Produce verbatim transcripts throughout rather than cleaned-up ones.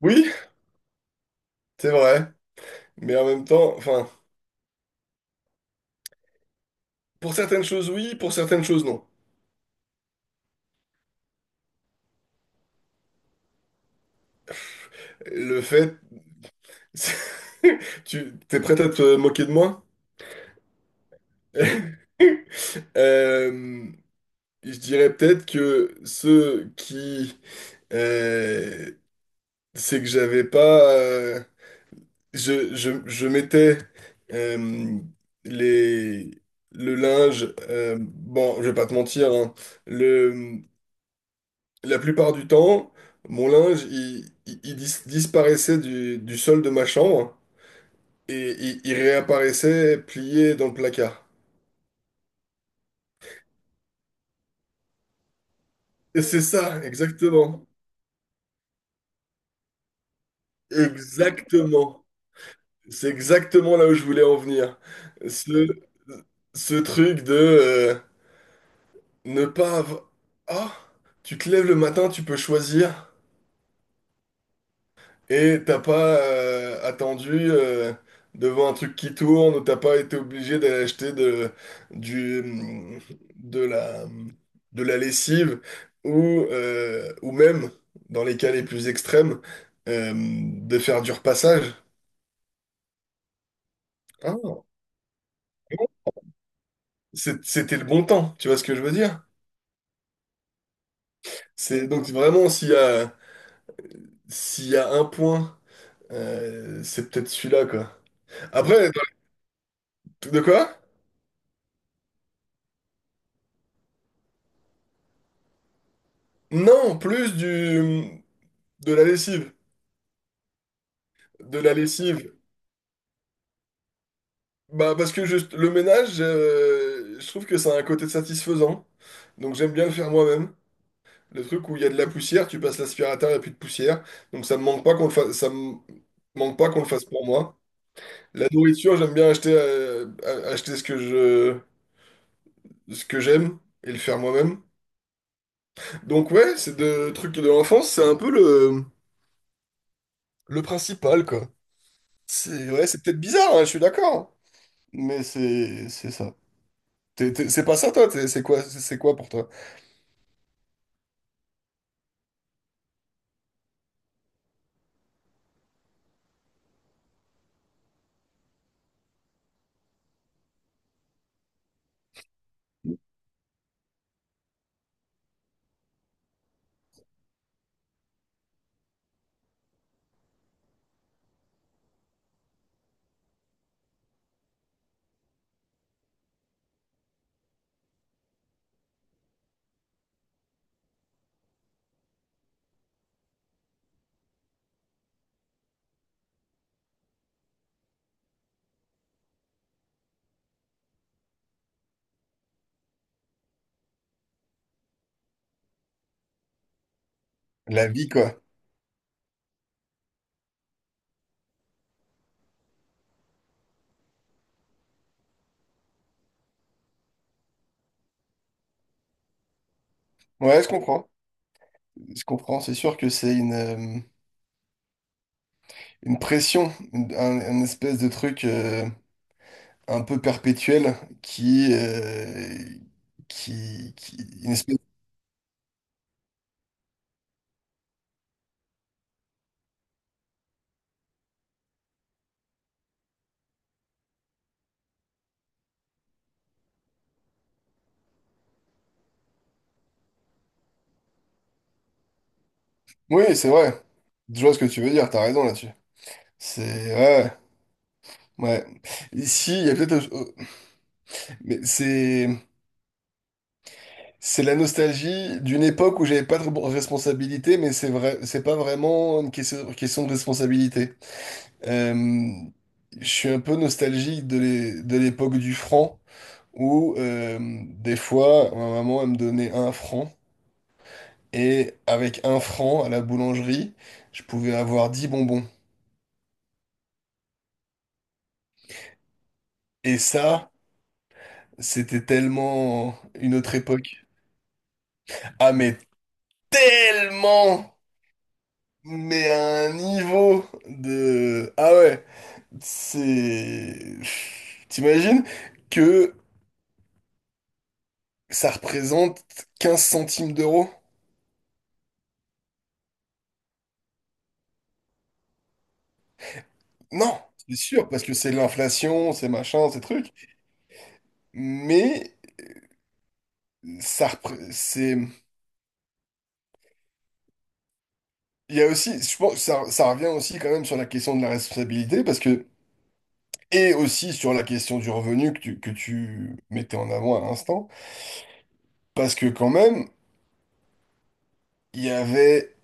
Oui, c'est vrai. Mais en même temps, enfin, pour certaines choses, oui, pour certaines choses, non. Le fait. Tu t'es prête à te moquer de moi? Euh, je dirais peut-être que ce qui... euh, c'est que j'avais pas... euh, je, je, je mettais euh, les. Le linge, euh, bon, je vais pas te mentir, hein, le, la plupart du temps, mon linge, il, il- il dis- disparaissait du, du sol de ma chambre et il, il réapparaissait plié dans le placard. Et c'est ça, exactement. Exactement. C'est exactement là où je voulais en venir. Ce, ce truc de euh, ne pas avoir. Ah, tu te lèves le matin, tu peux choisir. Et t'as pas euh, attendu euh, devant un truc qui tourne ou t'as pas été obligé d'aller acheter de, du, mm, de la, de la lessive ou, euh, ou même, dans les cas les plus extrêmes, euh, de faire du repassage. Ah, C'est- c'était le bon temps, tu vois ce que je veux dire? C'est donc vraiment s'il y a, s'il y a un point, euh, c'est peut-être celui-là quoi. Après, dans- de quoi? Non, plus du de la lessive. De la lessive. Bah parce que juste le ménage, euh, je trouve que ça a un côté satisfaisant. Donc j'aime bien le faire moi-même. Le truc où il y a de la poussière, tu passes l'aspirateur, il n'y a plus de poussière. Donc ça me manque pas qu'on le fasse, ça me manque pas qu'on le fasse pour moi. La nourriture, j'aime bien acheter, euh, a- acheter ce que je, ce que j'aime et le faire moi-même. Donc ouais, c'est de trucs de l'enfance, c'est un peu le, le principal quoi. C'est ouais, c'est peut-être bizarre, hein, je suis d'accord. Mais c'est c'est ça. T'es- t'es- c'est pas ça toi, t'es- c'est quoi, c'est c'est quoi pour toi? La vie, quoi. Ouais, je comprends. Je comprends. C'est sûr que c'est une, euh, une pression, une- un, un espèce de truc euh, un peu perpétuel qui, euh, qui, qui- une espèce... Oui, c'est vrai. Je vois ce que tu veux dire. T'as raison là-dessus. C'est... Ouais, ouais. Ici, il y a peut-être... euh, Mais c'est... C'est la nostalgie d'une époque où j'avais pas de responsabilité, mais c'est vrai, c'est pas vraiment une question, question de responsabilité. Euh, je suis un peu nostalgique de l'é- de l'époque du franc, où euh, des fois, ma maman, elle me donnait un franc, et avec un franc à la boulangerie, je pouvais avoir dix bonbons. Et ça, c'était tellement une autre époque. Ah, mais tellement! Mais à un niveau de... Ah ouais, c'est... t'imagines que ça représente quinze centimes d'euros? Non, c'est sûr, parce que c'est l'inflation, c'est machin, ces trucs. Mais ça, repré- c'est, il y a aussi, je pense, que ça, ça revient aussi quand même sur la question de la responsabilité, parce que et aussi sur la question du revenu que tu, que tu mettais en avant à l'instant, parce que quand même, il y avait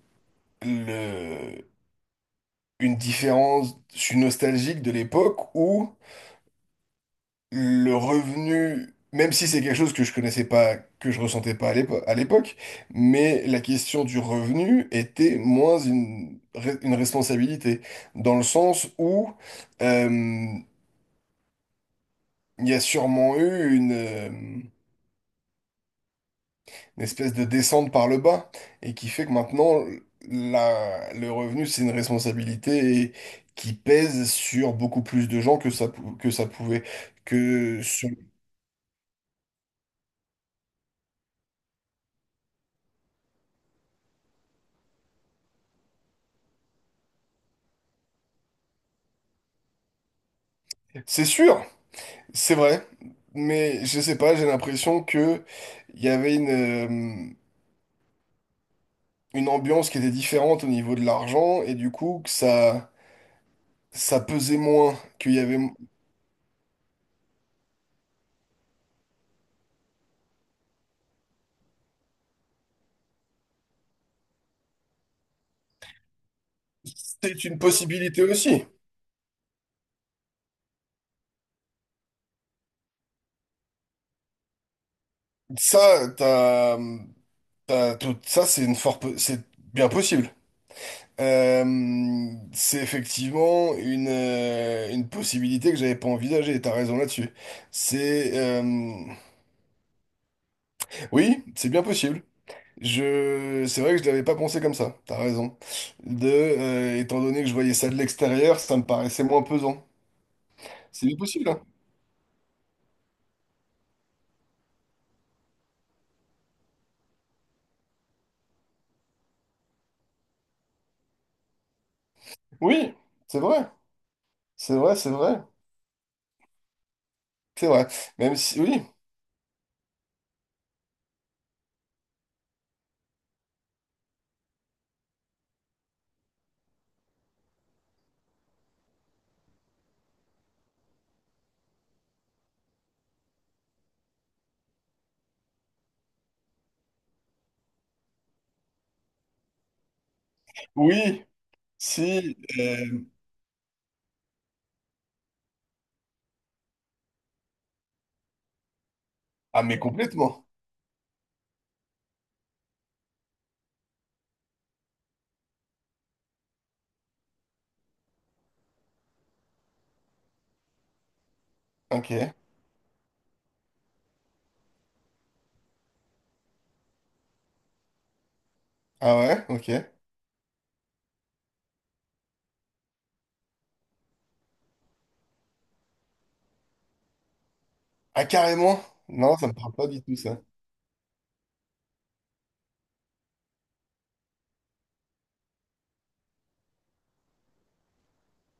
le, une différence, je suis nostalgique de l'époque où le revenu, même si c'est quelque chose que je connaissais pas, que je ressentais pas à l'épo- à l'époque, mais la question du revenu était moins une, re- une responsabilité, dans le sens où euh, il y a sûrement eu une, euh, une espèce de descente par le bas, et qui fait que maintenant, la- le revenu, c'est une responsabilité qui pèse sur beaucoup plus de gens que ça, pou- que ça pouvait. Que sur- C'est sûr, c'est vrai, mais je sais pas, j'ai l'impression que il y avait une, euh, une ambiance qui était différente au niveau de l'argent et du coup que ça ça pesait moins, qu'il y avait. C'est une possibilité aussi. Ça t'as t'as tout ça c'est une fort po- c'est bien possible. Euh, c'est effectivement une, euh, une possibilité que j'avais pas envisagée, t'as raison là-dessus. C'est euh, oui, c'est bien possible. Je, c'est vrai que je l'avais pas pensé comme ça. T'as raison. De, euh, étant donné que je voyais ça de l'extérieur, ça me paraissait moins pesant. C'est bien possible, hein. Oui, c'est vrai. C'est vrai, c'est vrai. C'est vrai. Même si, oui, oui, si. euh, Ah, mais complètement. Ok. Ah ouais, ok. Ah, carrément. Non, ça me parle pas du tout ça.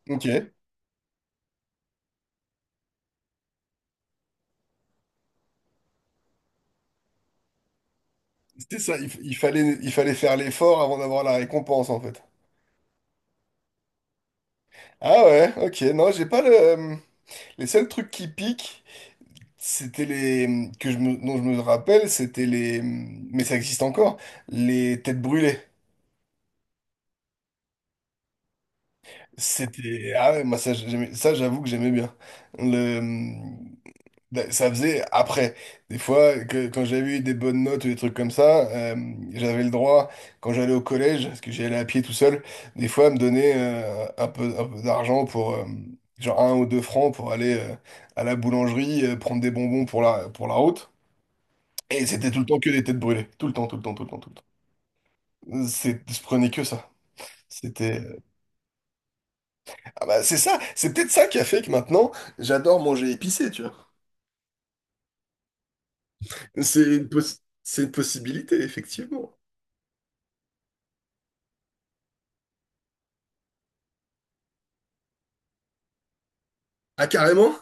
Ok. C'était ça. Il, f- il fallait, il fallait faire l'effort avant d'avoir la récompense, en fait. Ah ouais, ok. Non, j'ai pas le. euh, Les seuls trucs qui piquent. C'était les, que je me... dont je me rappelle, c'était les. Mais ça existe encore, les têtes brûlées. C'était. Ah ouais, moi ça, j'aimais- ça j'avoue que j'aimais bien. Le. Ben, ça faisait après. Des fois, que- quand j'avais eu des bonnes notes ou des trucs comme ça, euh, j'avais le droit, quand j'allais au collège, parce que j'y allais à pied tout seul, des fois à me donner euh, un peu, un peu d'argent pour. euh, genre un ou deux francs pour aller euh, à la boulangerie, euh, prendre des bonbons pour la, pour la route. Et c'était tout le temps que des têtes brûlées. Tout le temps, tout le temps, tout le temps, tout le temps. C'est, je prenais que ça. C'était. Ah bah c'est ça, c'est peut-être ça qui a fait que maintenant, j'adore manger épicé, tu vois. C'est une, poss- c'est une possibilité, effectivement. Ah, carrément?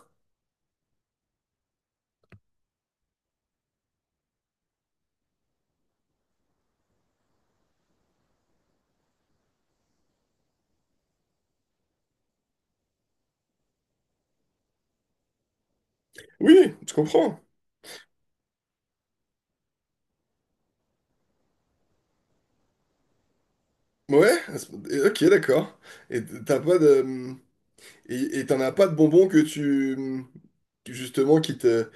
Oui, je comprends. Ouais, et- ok, d'accord. Et t'as pas de. Et et t'en as pas de bonbons que tu. Que justement, qui te.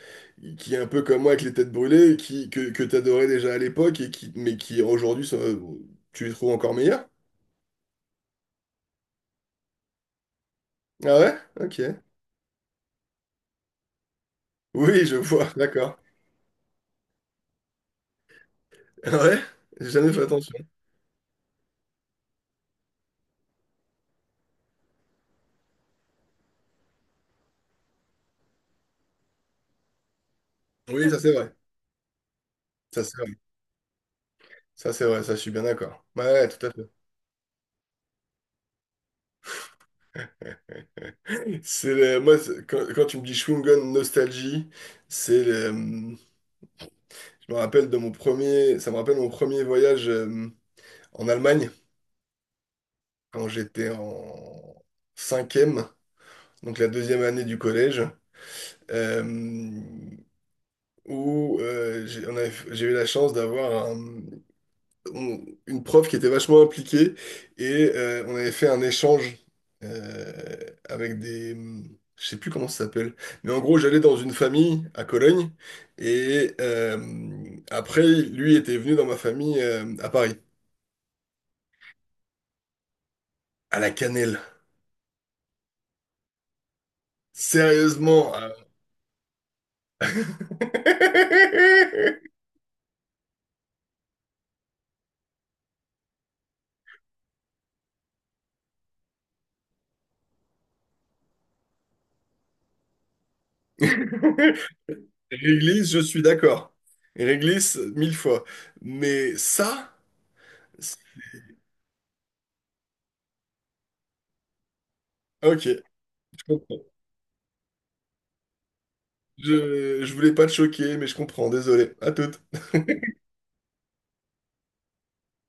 Qui est un peu comme moi avec les têtes brûlées, qui. que, que t'adorais déjà à l'époque, et qui. Mais qui aujourd'hui, ça. Tu les trouves encore meilleurs? Ah ouais? Ok. Oui, je vois, d'accord. Ah ouais, j'ai jamais fait attention. Oui, ça c'est vrai. Ça c'est vrai. Ça c'est vrai, ça je suis bien d'accord. Ouais, ouais, tout à fait. C'est le- moi c'est- quand, quand tu me dis Schwingen nostalgie, c'est le- je me rappelle de mon premier ça me rappelle mon premier voyage euh, en Allemagne quand j'étais en cinquième, donc la deuxième année du collège, euh, où euh, j'ai on avait- j'ai eu la chance d'avoir un on- une prof qui était vachement impliquée et euh, on avait fait un échange euh, avec des. Je sais plus comment ça s'appelle. Mais en gros, j'allais dans une famille à Cologne et euh, après, lui était venu dans ma famille euh, à Paris, à la cannelle. Sérieusement. À- Réglisse, je suis d'accord. Réglisse, mille fois. Mais ça. Ok, je comprends. Je, je voulais pas te choquer, mais je comprends, désolé. À toute.